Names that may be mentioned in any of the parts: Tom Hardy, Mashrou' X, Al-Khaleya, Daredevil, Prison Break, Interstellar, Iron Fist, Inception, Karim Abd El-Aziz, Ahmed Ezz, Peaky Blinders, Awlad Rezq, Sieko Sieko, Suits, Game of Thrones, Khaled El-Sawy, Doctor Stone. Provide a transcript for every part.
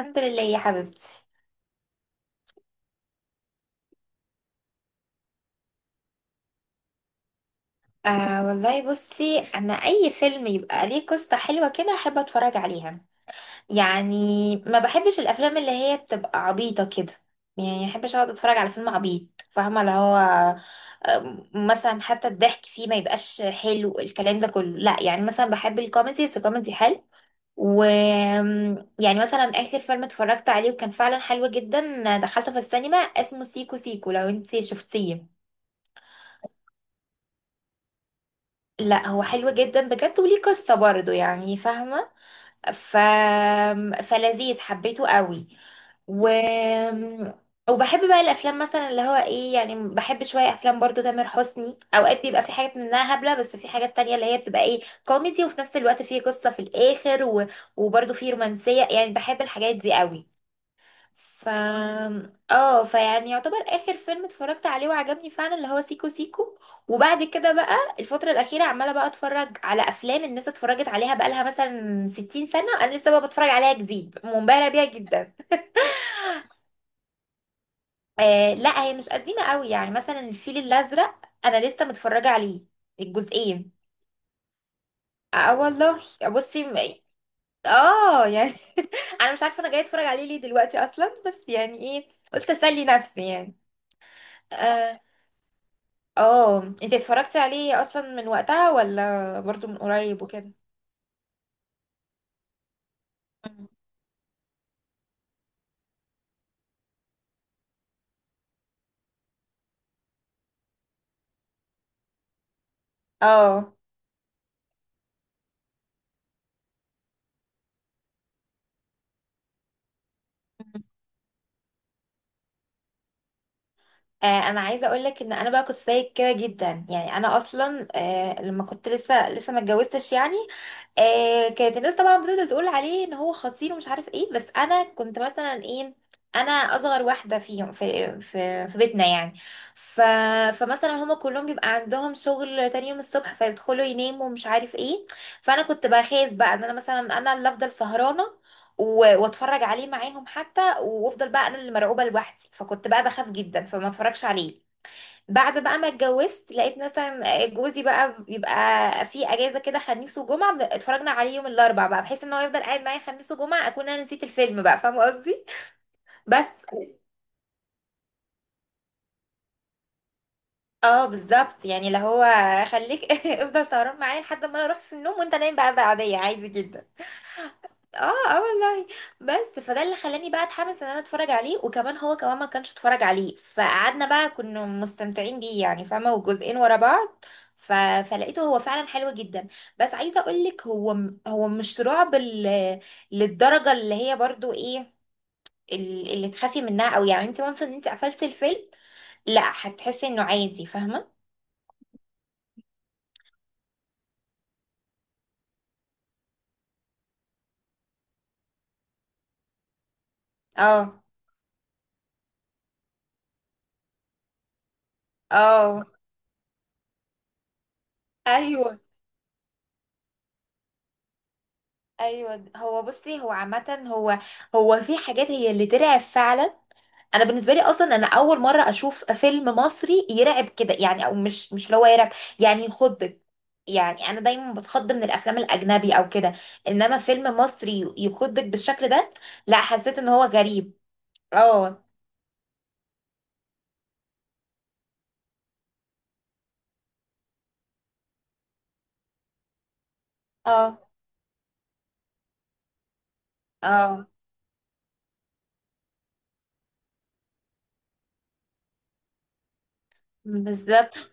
الحمد لله يا حبيبتي. آه والله، بصي انا اي فيلم يبقى ليه قصة حلوة كده احب اتفرج عليها يعني. ما بحبش الافلام اللي هي بتبقى عبيطة كده، يعني ما بحبش اقعد اتفرج على فيلم عبيط، فاهمة؟ اللي هو مثلا حتى الضحك فيه ما يبقاش حلو، الكلام ده كله لا، يعني مثلا بحب الكوميدي بس كوميدي حلو. و يعني مثلا اخر فيلم اتفرجت عليه وكان فعلا حلو جدا، دخلته في السينما، اسمه سيكو سيكو، لو انت شفتيه. لا هو حلو جدا بجد، وليه قصة برضه يعني، فاهمة؟ ف... فلذيذ، حبيته قوي. و... وبحب بقى الافلام مثلا اللي هو ايه، يعني بحب شوية افلام برضو تامر حسني، اوقات بيبقى في حاجات منها هبلة بس في حاجات تانية اللي هي بتبقى ايه، كوميدي وفي نفس الوقت فيه قصة في الاخر، وبرضو فيه رومانسية، يعني بحب الحاجات دي قوي. ف اه فيعني يعتبر اخر فيلم اتفرجت عليه وعجبني فعلا اللي هو سيكو سيكو. وبعد كده بقى الفترة الأخيرة عمالة بقى اتفرج على أفلام الناس اتفرجت عليها بقالها مثلا 60 سنة، أنا لسه بقى بتفرج عليها جديد، منبهرة بيها جدا. آه لا، هي مش قديمة قوي، يعني مثلا الفيل الأزرق أنا لسه متفرجة عليه الجزئين. اه والله. بصي م- اه يعني، انا مش عارفه انا جايه اتفرج عليه ليه دلوقتي اصلا، بس يعني ايه، قلت اسلي نفسي يعني. آه، اه انت اتفرجتي عليه اصلا من وقتها ولا برضو من قريب وكده؟ مم. اه. انا عايزه اقول لك ان انا بقى كنت زيك كده جدا، يعني انا اصلا لما كنت لسه ما اتجوزتش يعني، كانت الناس طبعا بتفضل تقول عليه ان هو خطير ومش عارف ايه، بس انا كنت مثلا ايه، انا اصغر واحده فيهم في بيتنا يعني. ف فمثلا هما كلهم بيبقى عندهم شغل تاني يوم الصبح فيدخلوا يناموا ومش عارف ايه، فانا كنت بخاف بقى ان انا مثلا انا اللي افضل سهرانه واتفرج عليه معاهم حتى، وافضل بقى انا اللي مرعوبه لوحدي، فكنت بقى بخاف جدا فما اتفرجش عليه. بعد بقى ما اتجوزت لقيت مثلا جوزي بقى بيبقى في اجازه كده خميس وجمعه، اتفرجنا عليه يوم الاربع بقى، بحيث ان هو يفضل قاعد معايا خميس وجمعه اكون انا نسيت الفيلم بقى، فاهمه قصدي؟ بس. اه بالظبط، يعني اللي هو خليك افضل سهران معايا لحد ما انا اروح في النوم، وانت نايم بقى بعديه عادي جدا. اه اه والله. بس فده اللي خلاني بقى اتحمس ان انا اتفرج عليه، وكمان هو كمان ما كانش اتفرج عليه، فقعدنا بقى كنا مستمتعين بيه يعني، فاهمه؟ وجزئين ورا بعض. ف... فلقيته هو فعلا حلو جدا. بس عايزه اقول لك هو هو مش رعب للدرجه اللي هي برضو ايه، اللي تخافي منها او يعني انت وانس ان انت قفلتي الفيلم، لا هتحسي انه عادي فاهمه. اه. اه ايوه. ايوه هو بصي هو عامه هو، هو في حاجات هي اللي ترعب فعلا. انا بالنسبه لي اصلا انا اول مره اشوف فيلم مصري يرعب كده، يعني او مش اللي هو يرعب، يعني يخضك، يعني انا دايما بتخض من الافلام الاجنبي او كده، انما فيلم مصري يخضك بالشكل ده، لا حسيت ان هو غريب. اه. اه اه بالظبط.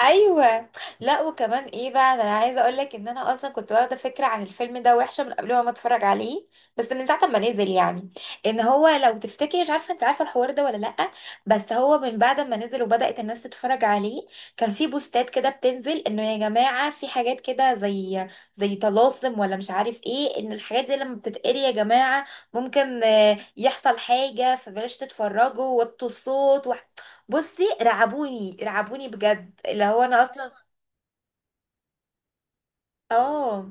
ايوه. لا وكمان ايه بقى ده، انا عايزه اقول لك ان انا اصلا كنت واخده فكره عن الفيلم ده وحشه من قبل ما اتفرج عليه، بس من ساعه ما نزل يعني، ان هو لو تفتكري، مش عارفه انت عارفه الحوار ده ولا لا، بس هو من بعد ما نزل وبدات الناس تتفرج عليه كان في بوستات كده بتنزل انه يا جماعه في حاجات كده زي زي طلاسم ولا مش عارف ايه، ان الحاجات دي لما بتتقري يا جماعه ممكن يحصل حاجه فبلاش تتفرجوا وطوا الصوت. بصي رعبوني بجد اللي هو انا اصلا. اه.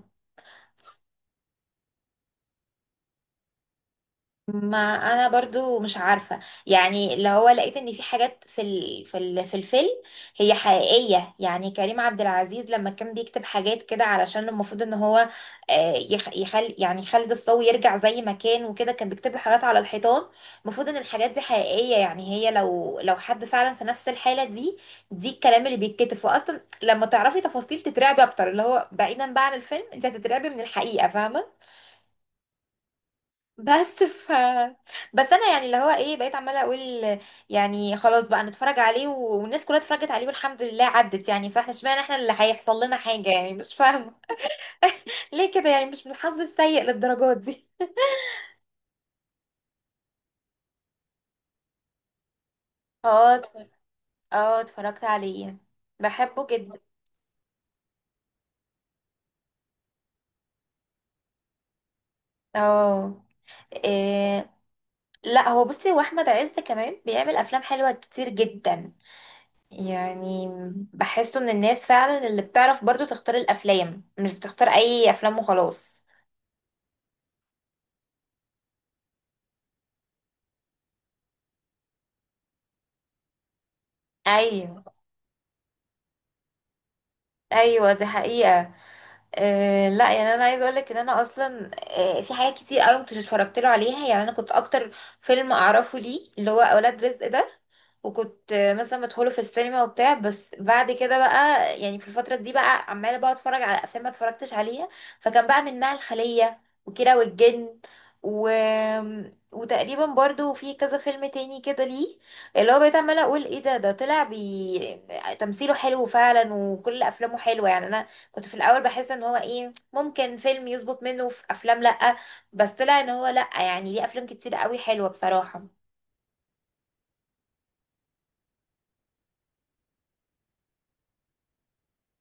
ما انا برضو مش عارفه، يعني اللي هو لقيت ان في حاجات في الفيلم هي حقيقيه، يعني كريم عبد العزيز لما كان بيكتب حاجات كده علشان المفروض ان هو يخ... يخل يعني خالد الصاوي يرجع زي ما كان، وكده كان بيكتب له حاجات على الحيطان، المفروض ان الحاجات دي حقيقيه، يعني هي لو لو حد فعلا في نفس الحاله دي، دي الكلام اللي بيتكتب، فاصلا لما تعرفي تفاصيل تترعبي اكتر، اللي هو بعيدا بقى عن الفيلم انت هتترعبي من الحقيقه فاهمه. بس ف بس انا يعني اللي هو ايه بقيت عماله اقول، يعني خلاص بقى نتفرج عليه، والناس كلها اتفرجت عليه والحمد لله عدت يعني، فاحنا اشمعنى احنا اللي هيحصل لنا حاجه يعني؟ مش فاهمه ليه كده يعني؟ مش من الحظ السيء للدرجات دي. اه اتفر- اه اتفرجت عليه، بحبه جدا. اه إيه... لا هو بصي هو احمد عز كمان بيعمل افلام حلوه كتير جدا، يعني بحسه من الناس فعلا اللي بتعرف برضو تختار الافلام، مش بتختار اي افلام وخلاص. ايوه. ايوه دي حقيقة. أه لا يعني انا عايزه اقول لك ان انا اصلا أه في حاجات كتير قوي كنت اتفرجت له عليها، يعني انا كنت اكتر فيلم اعرفه ليه اللي هو اولاد رزق ده، وكنت مثلا مدخله في السينما وبتاع، بس بعد كده بقى يعني في الفتره دي بقى عماله بقى اتفرج على افلام ما اتفرجتش عليها، فكان بقى منها الخليه وكيرة والجن و... وتقريبا برضو في كذا فيلم تاني كده ليه اللي هو بقيت عماله اقول ايه ده، ده طلع تمثيله حلو فعلا وكل افلامه حلوه، يعني انا كنت في الاول بحس ان هو ايه ممكن فيلم يظبط منه في افلام لأ، بس طلع ان هو لأ، يعني ليه افلام كتير قوي حلوة بصراحة.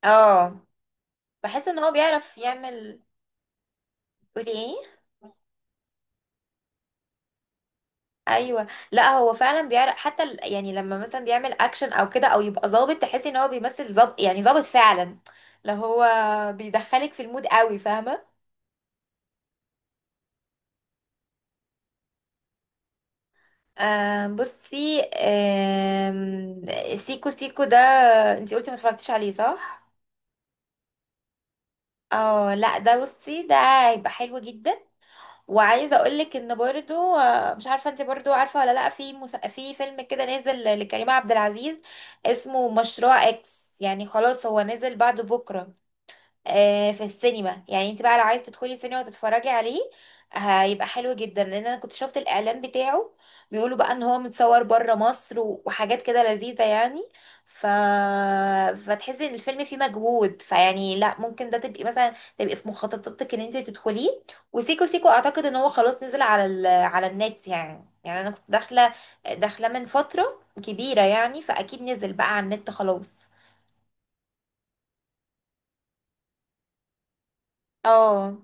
اه. بحس ان هو بيعرف يعمل. قولي ايه. ايوه لا هو فعلا بيعرف حتى يعني لما مثلا بيعمل اكشن او كده، او يبقى ظابط تحسي ان هو بيمثل ظابط يعني ظابط فعلا، لو هو بيدخلك في المود قوي فاهمه. آه بصي سيكو سيكو ده، انتي قلتي ما اتفرجتيش عليه صح؟ اه لا ده بصي ده هيبقى حلو جدا. وعايزه اقول لك ان برضو مش عارفه انت برضو عارفه ولا لا، في في فيلم كده نازل لكريم عبد العزيز اسمه مشروع اكس، يعني خلاص هو نازل بعد بكره في السينما، يعني انت بقى لو عايزه تدخلي السينما وتتفرجي عليه هيبقى حلو جدا، لان انا كنت شفت الاعلان بتاعه بيقولوا بقى ان هو متصور بره مصر وحاجات كده لذيذه يعني. ف فتحسي ان الفيلم فيه مجهود، فيعني لا ممكن ده تبقي مثلا تبقي في مخططاتك ان انت تدخليه. وسيكو سيكو اعتقد ان هو خلاص نزل على على النت يعني، يعني انا كنت داخله من فتره كبيره يعني، فاكيد نزل بقى على النت خلاص. اه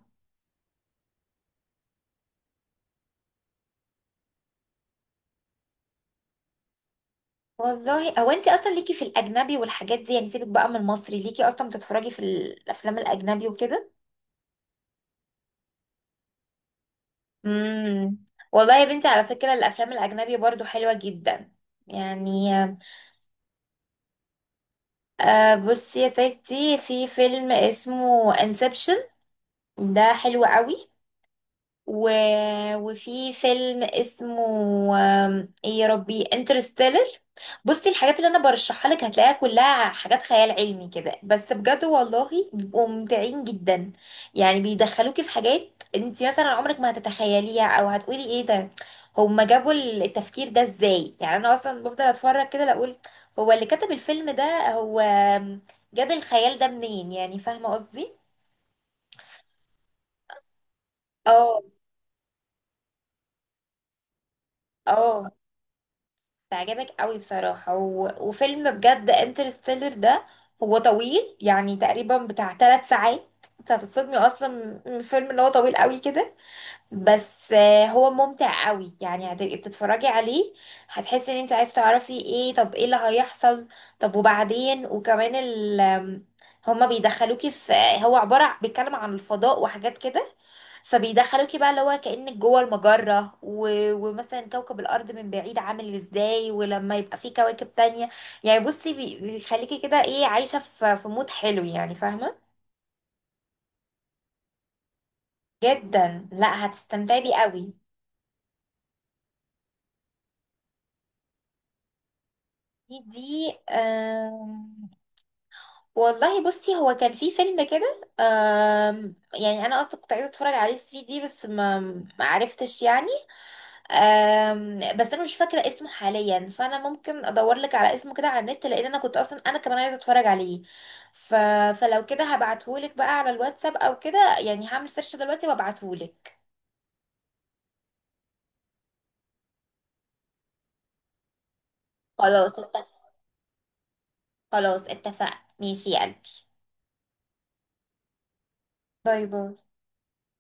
والله. هو انت اصلا ليكي في الاجنبي والحاجات دي، يعني سيبك بقى من المصري ليكي اصلا بتتفرجي في الافلام الاجنبي وكده. امم والله يا بنتي على فكره الافلام الاجنبي برضو حلوه جدا يعني. آه بصي يا ستي، في فيلم اسمه انسبشن ده حلو قوي، و... وفي فيلم اسمه ايه يا ربي انترستيلر. بصي الحاجات اللي انا برشحها لك هتلاقيها كلها حاجات خيال علمي كده بس بجد والله بيبقوا ممتعين جدا، يعني بيدخلوكي في حاجات انت مثلا عمرك ما هتتخيليها، او هتقولي ايه ده، هما جابوا التفكير ده ازاي؟ يعني انا اصلا بفضل اتفرج كده لا اقول هو اللي كتب الفيلم ده هو جاب الخيال ده منين يعني، فاهمه قصدي؟ اه. اه تعجبك قوي بصراحة، وفيلم بجد انترستيلر ده هو طويل، يعني تقريبا بتاع ثلاث ساعات، انت هتتصدمي اصلا من الفيلم ان هو طويل قوي كده. بس هو ممتع قوي، يعني هتبقي بتتفرجي عليه هتحسي ان انت عايز تعرفي ايه، طب ايه اللي هيحصل، طب وبعدين، وكمان ال هما بيدخلوكي في، هو عبارة بيتكلم عن الفضاء وحاجات كده، فبيدخلوكي بقى اللي هو كأنك جوه المجرة ومثلا كوكب الأرض من بعيد عامل ازاي، ولما يبقى فيه كواكب تانية، يعني بصي بيخليكي كده ايه عايشة في في مود حلو يعني فاهمة. جدا لا هتستمتعي بيه قوي. دي والله بصي هو كان في فيلم كده يعني انا اصلا كنت عايزه اتفرج عليه 3D، بس ما عرفتش يعني بس انا مش فاكره اسمه حاليا، فانا ممكن ادور لك على اسمه كده على النت، لان انا كنت اصلا انا كمان عايزه اتفرج عليه، ف... فلو كده هبعتهولك بقى على الواتساب او كده يعني، هعمل سيرش دلوقتي وابعتهولك. خلاص اتفق. خلاص اتفقنا، ماشي يا قلبي. باي باي.